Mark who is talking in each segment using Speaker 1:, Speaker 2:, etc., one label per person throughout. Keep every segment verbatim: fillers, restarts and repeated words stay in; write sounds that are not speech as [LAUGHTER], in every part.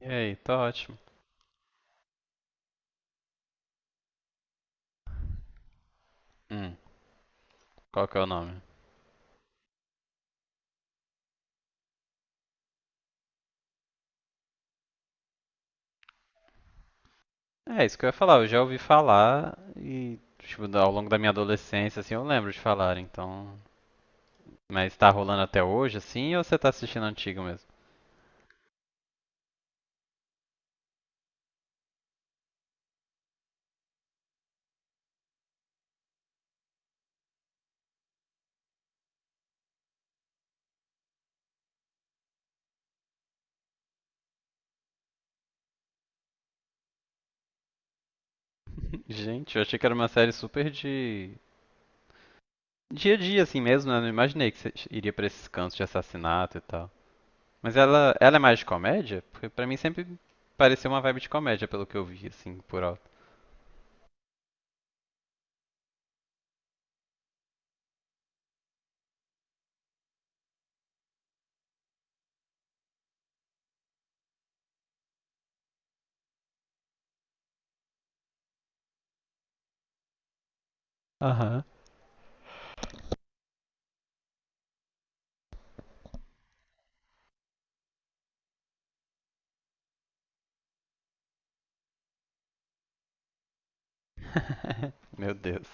Speaker 1: E aí, tá ótimo. Hum. Qual que é o nome? É, isso que eu ia falar, eu já ouvi falar e, tipo, ao longo da minha adolescência, assim, eu lembro de falar, então. Mas tá rolando até hoje, assim, ou você tá assistindo antigo mesmo? [LAUGHS] Gente, eu achei que era uma série super de. Dia a dia, assim mesmo, né? Eu não imaginei que você iria pra esses cantos de assassinato e tal. Mas ela, ela é mais de comédia? Porque pra mim sempre pareceu uma vibe de comédia, pelo que eu vi, assim, por alto. Aham. [LAUGHS] Meu Deus.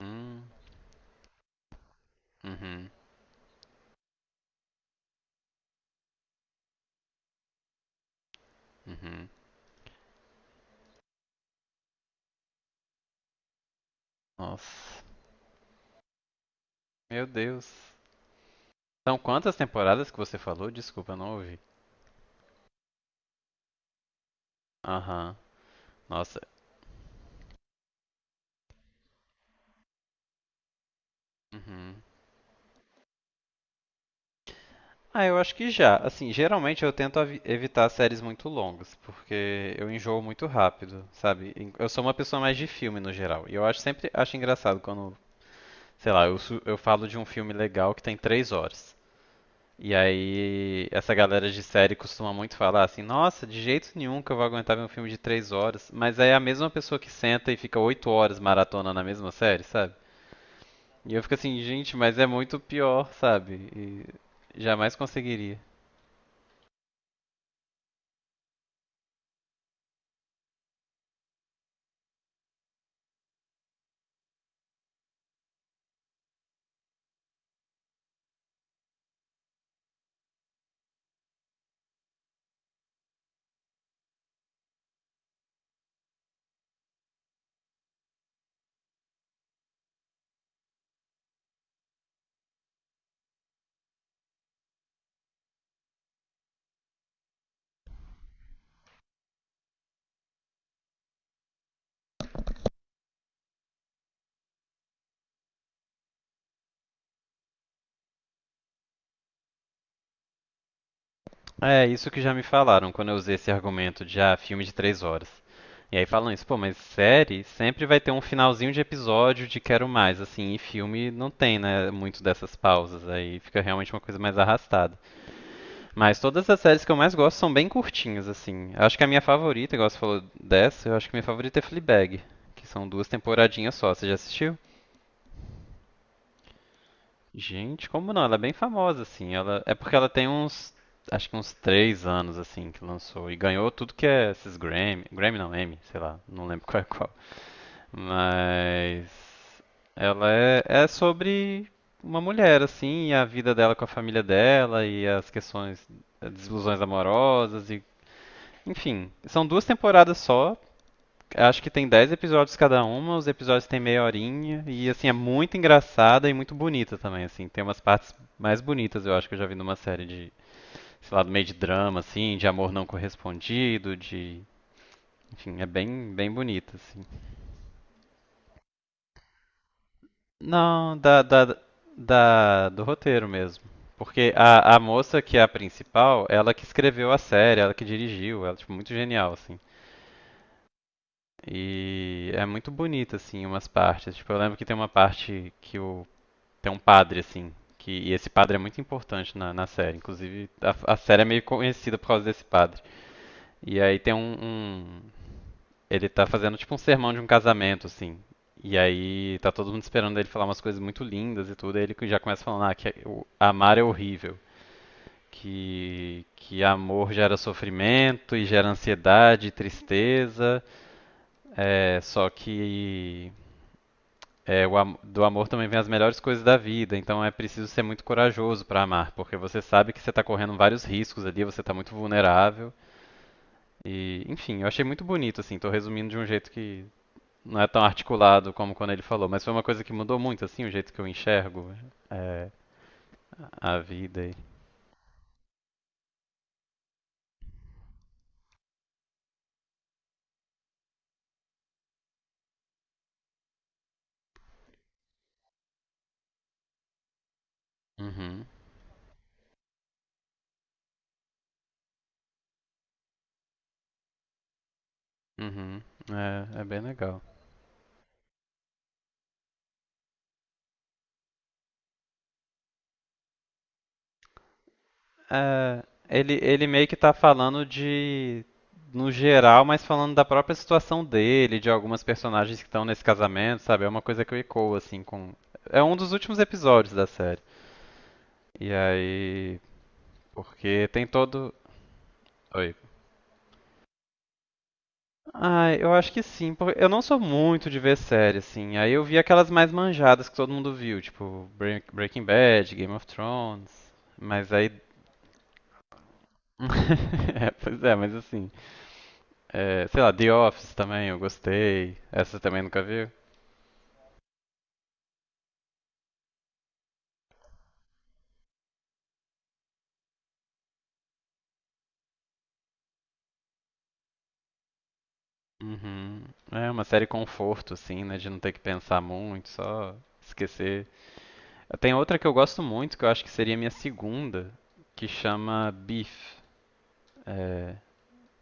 Speaker 1: Hum. Uhum. Uhum. Nossa. Meu Deus. São quantas temporadas que você falou? Desculpa, eu não ouvi. Aham. Nossa. Uhum. Ah, eu acho que já. Assim, geralmente eu tento avi- evitar séries muito longas, porque eu enjoo muito rápido, sabe? Em- Eu sou uma pessoa mais de filme no geral. E eu acho sempre acho engraçado quando, sei lá, eu, su- eu falo de um filme legal que tem três horas. E aí, essa galera de série costuma muito falar assim: Nossa, de jeito nenhum que eu vou aguentar ver um filme de três horas. Mas aí é a mesma pessoa que senta e fica oito horas maratona na mesma série, sabe? E eu fico assim: Gente, mas é muito pior, sabe? E jamais conseguiria. É isso que já me falaram quando eu usei esse argumento de ah, filme de três horas. E aí falam isso, pô, mas série sempre vai ter um finalzinho de episódio de quero mais, assim, e filme não tem, né, muito dessas pausas, aí fica realmente uma coisa mais arrastada. Mas todas as séries que eu mais gosto são bem curtinhas, assim. Eu acho que a minha favorita, igual você falou dessa, eu acho que a minha favorita é Fleabag, que são duas temporadinhas só. Você já assistiu? Gente, como não? Ela é bem famosa, assim. Ela. É porque ela tem uns, acho que uns três anos, assim, que lançou. E ganhou tudo que é esses Grammy. Grammy não, Emmy, sei lá. Não lembro [LAUGHS] qual é qual. Mas ela é, é sobre uma mulher, assim, e a vida dela com a família dela e as questões, as desilusões amorosas e Enfim, são duas temporadas só. Acho que tem dez episódios cada uma, os episódios têm meia horinha e assim é muito engraçada e muito bonita também, assim, tem umas partes mais bonitas, eu acho que eu já vi numa série de, sei lá, do meio de drama assim, de amor não correspondido, de, enfim, é bem bem bonita assim. Não, da, da, da do roteiro mesmo. Porque a, a moça que é a principal, ela que escreveu a série, ela que dirigiu, ela tipo muito genial assim. E é muito bonito, assim, umas partes. Tipo, eu lembro que tem uma parte que o. Tem um padre, assim, que. E esse padre é muito importante na, na série. Inclusive, a, a série é meio conhecida por causa desse padre. E aí tem um, um. Ele tá fazendo tipo um sermão de um casamento, assim. E aí tá todo mundo esperando ele falar umas coisas muito lindas e tudo. Aí ele já começa falando, ah, que o- amar é horrível. Que, que amor gera sofrimento e gera ansiedade e tristeza. É, só que É, o am- do amor também vem as melhores coisas da vida, então é preciso ser muito corajoso para amar, porque você sabe que você está correndo vários riscos ali, você está muito vulnerável. E, enfim, eu achei muito bonito, assim, tô resumindo de um jeito que não é tão articulado como quando ele falou, mas foi uma coisa que mudou muito, assim, o jeito que eu enxergo é, a a vida. E. Uhum, uhum, é, é bem legal. É, ele, ele meio que tá falando de, no geral, mas falando da própria situação dele, de algumas personagens que estão nesse casamento, sabe? É uma coisa que eu ecoo, assim, com. É um dos últimos episódios da série. E aí. Porque tem todo. Oi. Ah, eu acho que sim, porque eu não sou muito de ver série, assim. Aí eu vi aquelas mais manjadas que todo mundo viu, tipo Break- Breaking Bad, Game of Thrones. Mas aí. [LAUGHS] É, pois é, mas assim. É, sei lá, The Office também, eu gostei. Essa você também nunca viu? Uhum. É uma série conforto, assim, né? De não ter que pensar muito, só esquecer. Tem outra que eu gosto muito, que eu acho que seria minha segunda, que chama Beef. É,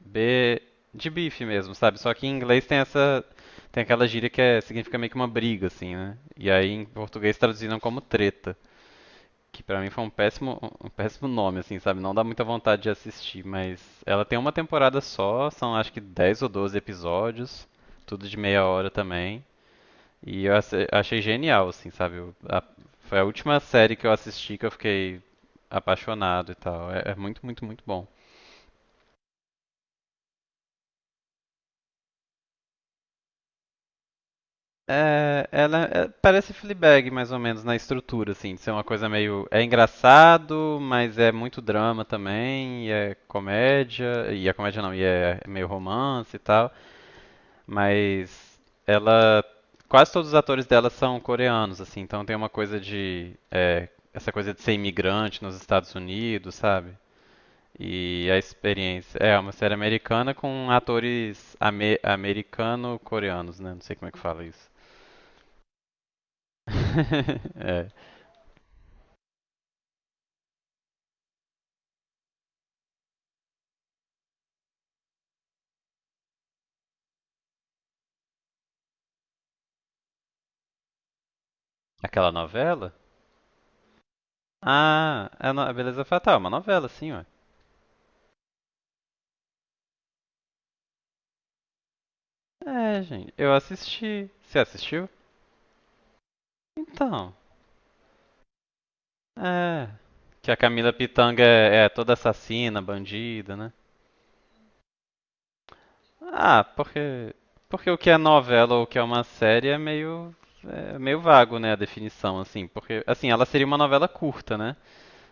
Speaker 1: B de bife mesmo, sabe? Só que em inglês tem essa. Tem aquela gíria que é, significa meio que uma briga, assim, né? E aí em português traduziram como treta. Que pra mim foi um péssimo, um péssimo nome, assim, sabe? Não dá muita vontade de assistir, mas ela tem uma temporada só, são acho que dez ou doze episódios, tudo de meia hora também. E eu ace- achei genial, assim, sabe? Eu- a- foi a última série que eu assisti que eu fiquei apaixonado e tal. É, é muito, muito, muito bom. É, ela é, parece Fleabag mais ou menos na estrutura, assim, de ser uma coisa meio é engraçado, mas é muito drama também, e é comédia, e é comédia não, e é meio romance e tal, mas ela quase todos os atores dela são coreanos, assim, então tem uma coisa de é, essa coisa de ser imigrante nos Estados Unidos, sabe? E a experiência é uma série americana com atores ame- americano-coreanos, né? Não sei como é que fala isso. [LAUGHS] É. Aquela novela? Ah, é no- a Beleza Fatal, é uma novela, sim, ué. É, gente, eu assisti. Você assistiu? Então, é. Que a Camila Pitanga é, é toda assassina, bandida, né? Ah, porque. Porque o que é novela ou o que é uma série é meio. É meio vago, né, a definição, assim. Porque, assim, ela seria uma novela curta, né?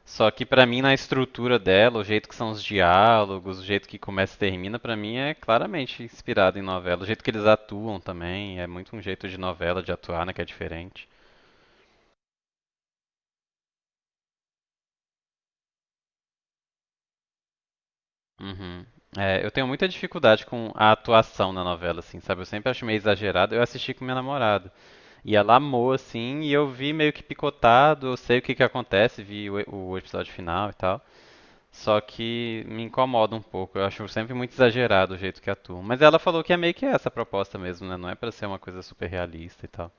Speaker 1: Só que pra mim na estrutura dela, o jeito que são os diálogos, o jeito que começa e termina, pra mim é claramente inspirado em novela. O jeito que eles atuam também é muito um jeito de novela de atuar, né, que é diferente. Uhum. É, eu tenho muita dificuldade com a atuação na novela, assim, sabe? Eu sempre acho meio exagerado. Eu assisti com minha namorada. E ela amou, assim, e eu vi meio que picotado, eu sei o que que acontece, vi o, o episódio final e tal. Só que me incomoda um pouco. Eu acho sempre muito exagerado o jeito que atuam. Mas ela falou que é meio que essa a proposta mesmo, né? Não é pra ser uma coisa super realista e tal.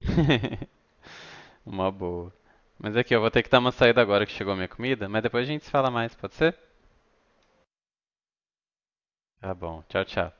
Speaker 1: [LAUGHS] Uma boa. Mas aqui, eu vou ter que dar uma saída agora que chegou a minha comida, mas depois a gente se fala mais, pode ser? Tá bom. Tchau, tchau.